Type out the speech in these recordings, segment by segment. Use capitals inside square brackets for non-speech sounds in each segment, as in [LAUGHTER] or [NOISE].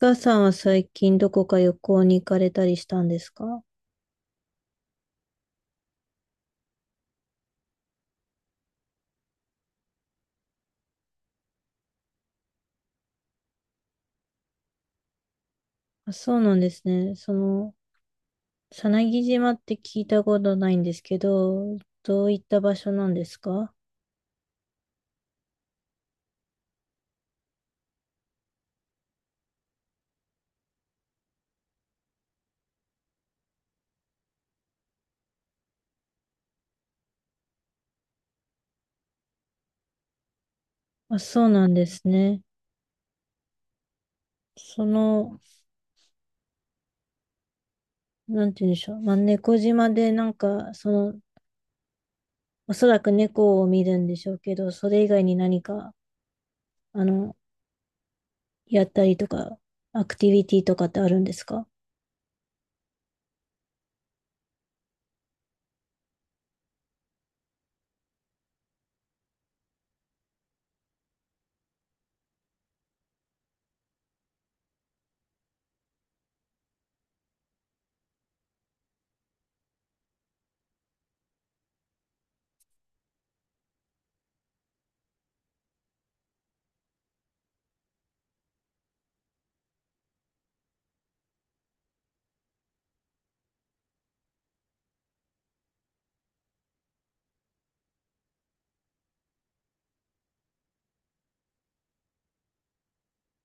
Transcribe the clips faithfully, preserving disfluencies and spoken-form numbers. お母さんは最近どこか旅行に行かれたりしたんですか？あ、そうなんですね。その、さなぎ島って聞いたことないんですけど、どういった場所なんですか？あ、そうなんですね。その、なんて言うんでしょう。まあ、猫島でなんか、その、おそらく猫を見るんでしょうけど、それ以外に何か、あの、やったりとか、アクティビティとかってあるんですか？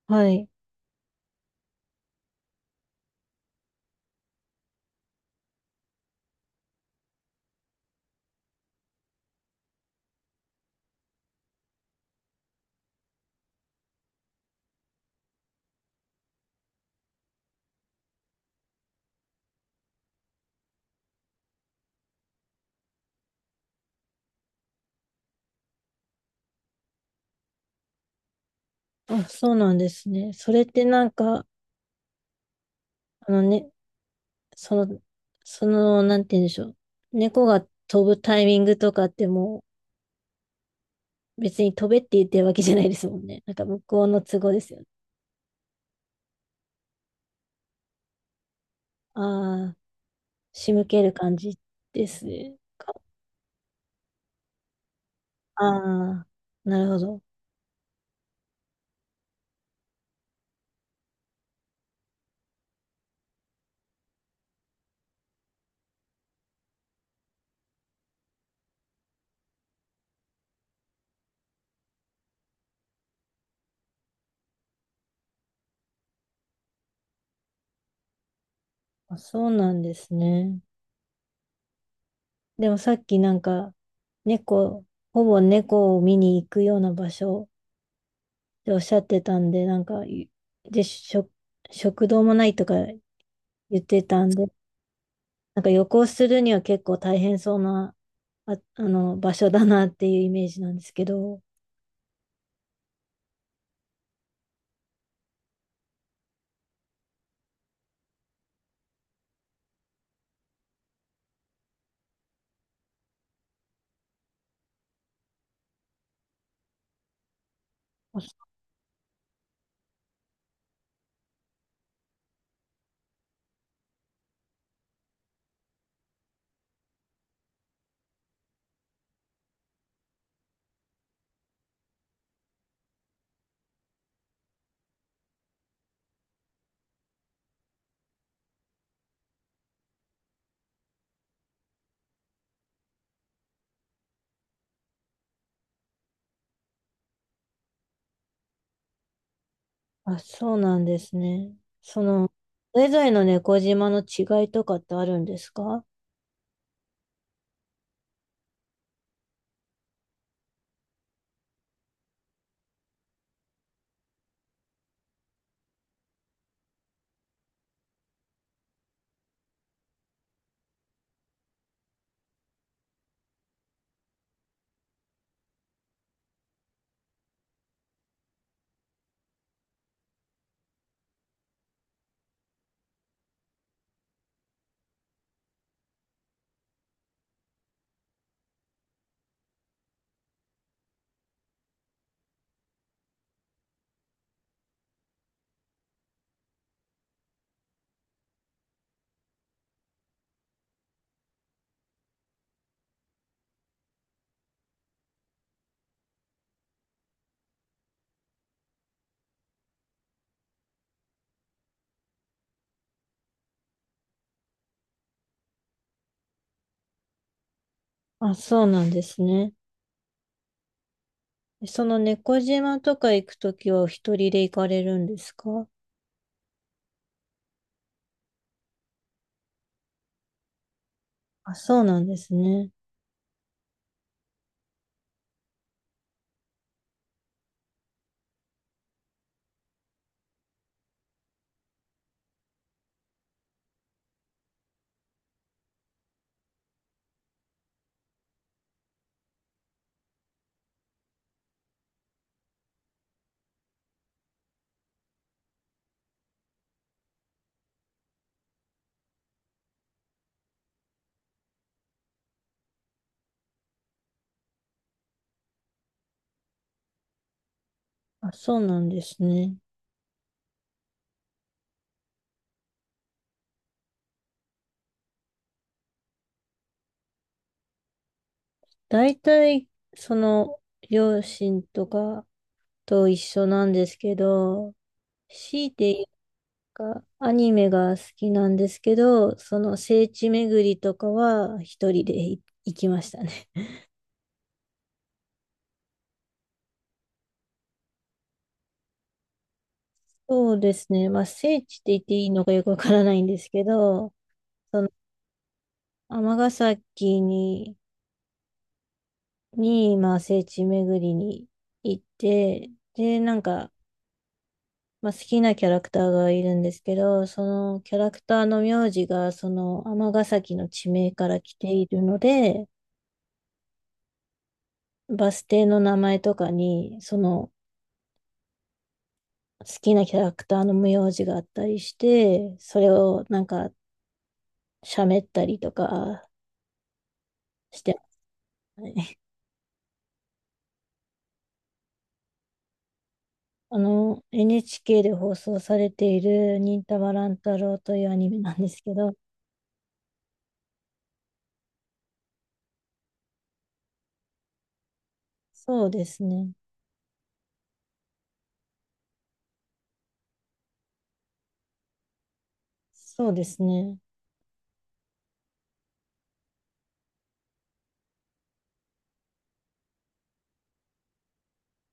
はい。あ、そうなんですね。それってなんか、あのね、その、その、なんて言うんでしょう。猫が飛ぶタイミングとかってもう別に飛べって言ってるわけじゃないですもんね。[LAUGHS] なんか向こうの都合ですよね。ああ、仕向ける感じですか。ああ、なるほど。あ、そうなんですね。でもさっきなんか猫、ほぼ猫を見に行くような場所っておっしゃってたんで、なんか、いで、食、食堂もないとか言ってたんで、なんか旅行するには結構大変そうなあ、[LAUGHS] あの、場所だなっていうイメージなんですけど。あ、そうなんですね。その、それぞれの猫島の違いとかってあるんですか？あ、そうなんですね。その猫島とか行くときはお一人で行かれるんですか？あ、そうなんですね。あ、そうなんですね。大体、その、両親とかと一緒なんですけど、強いてかアニメが好きなんですけど、その聖地巡りとかは一人でい行きましたね。[LAUGHS] そうですね。まあ聖地って言っていいのかよくわからないんですけど、その尼崎に、に、まあ聖地巡りに行って、で、なんか、まあ、好きなキャラクターがいるんですけど、そのキャラクターの名字がその尼崎の地名から来ているので、バス停の名前とかに、その好きなキャラクターの無用字があったりして、それをなんか喋ったりとかしてますね。[LAUGHS] あの、エヌエイチケー で放送されている忍たま乱太郎というアニメなんですけど、そうですね。そうですね。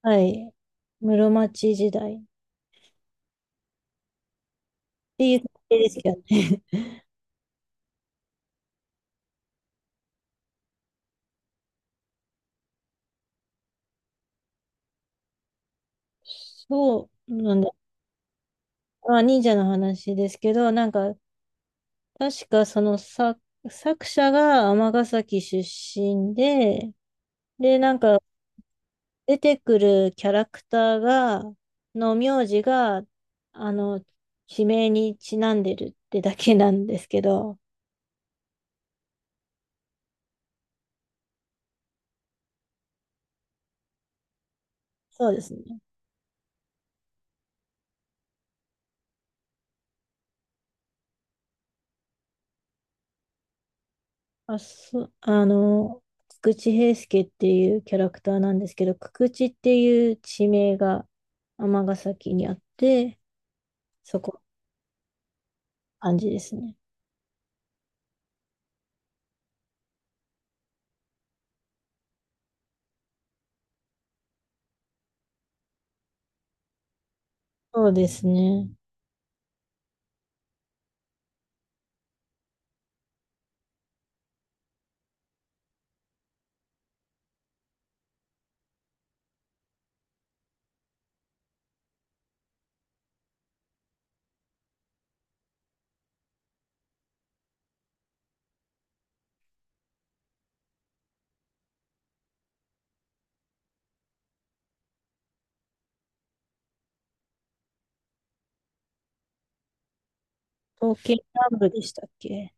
はい。室町時代っていう設定ですけどね。[LAUGHS] そうなんだ。まあ、忍者の話ですけど、なんか、確かその作、作者が尼崎出身で、で、なんか、出てくるキャラクターが、の名字が、あの、地名にちなんでるってだけなんですけど、そうですね。あ、そ、あの、久々平介っていうキャラクターなんですけど、久々っていう地名が尼崎にあって、そこ、感じですね。そうですね。東京南部でしたっけ？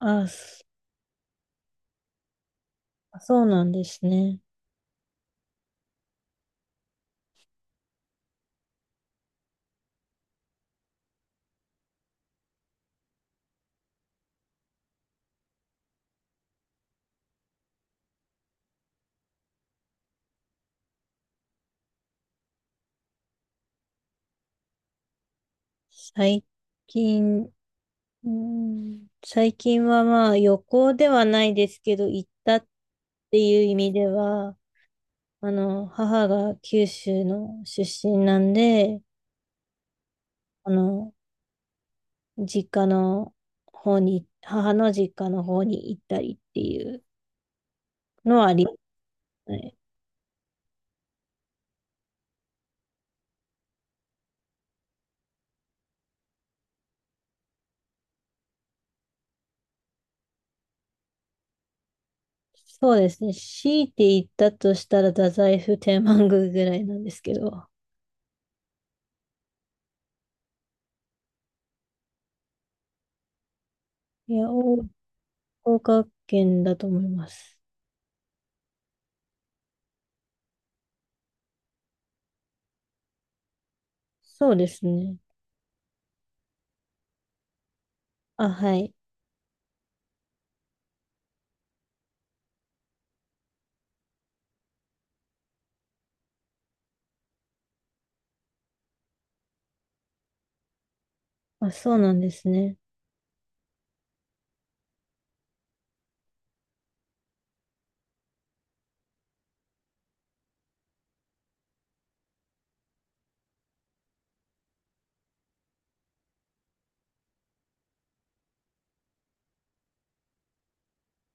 あ、そあそうなんですね。最近、うん、最近はまあ旅行ではないですけど、行ったっていう意味では、あの、母が九州の出身なんで、あの、実家の方に、母の実家の方に行ったりっていうのはありますね。そうですね。強いて言ったとしたら、太宰府天満宮ぐらいなんですけど。いや、大岡県だと思います。そうですね。あ、はい。あ、そうなんですね。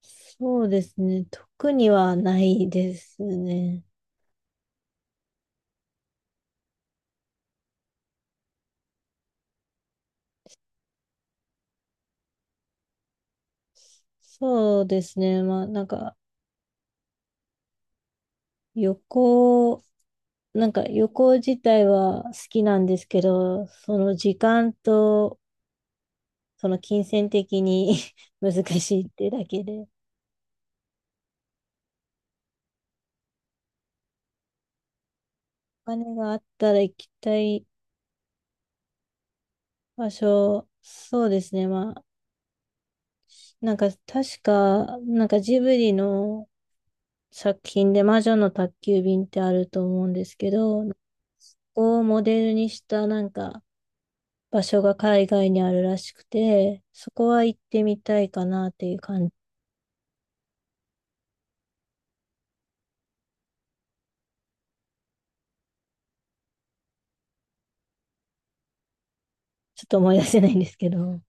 そうですね。特にはないですね。そうですね。まあ、なんか、旅行、なんか旅行自体は好きなんですけど、その時間と、その金銭的に [LAUGHS] 難しいってだけで。お金があったら行きたい場所、そうですね。まあ、なんか確か、なんかジブリの作品で魔女の宅急便ってあると思うんですけど、そこをモデルにしたなんか場所が海外にあるらしくて、そこは行ってみたいかなっていう感じ、ちょっと思い出せないんですけど。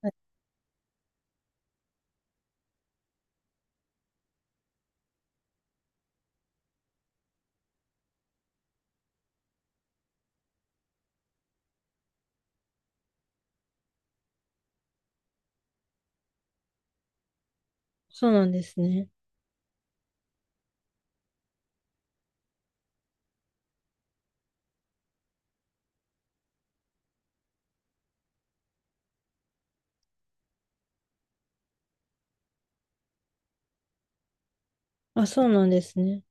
はい。そうなんですね。あ、そうなんですね。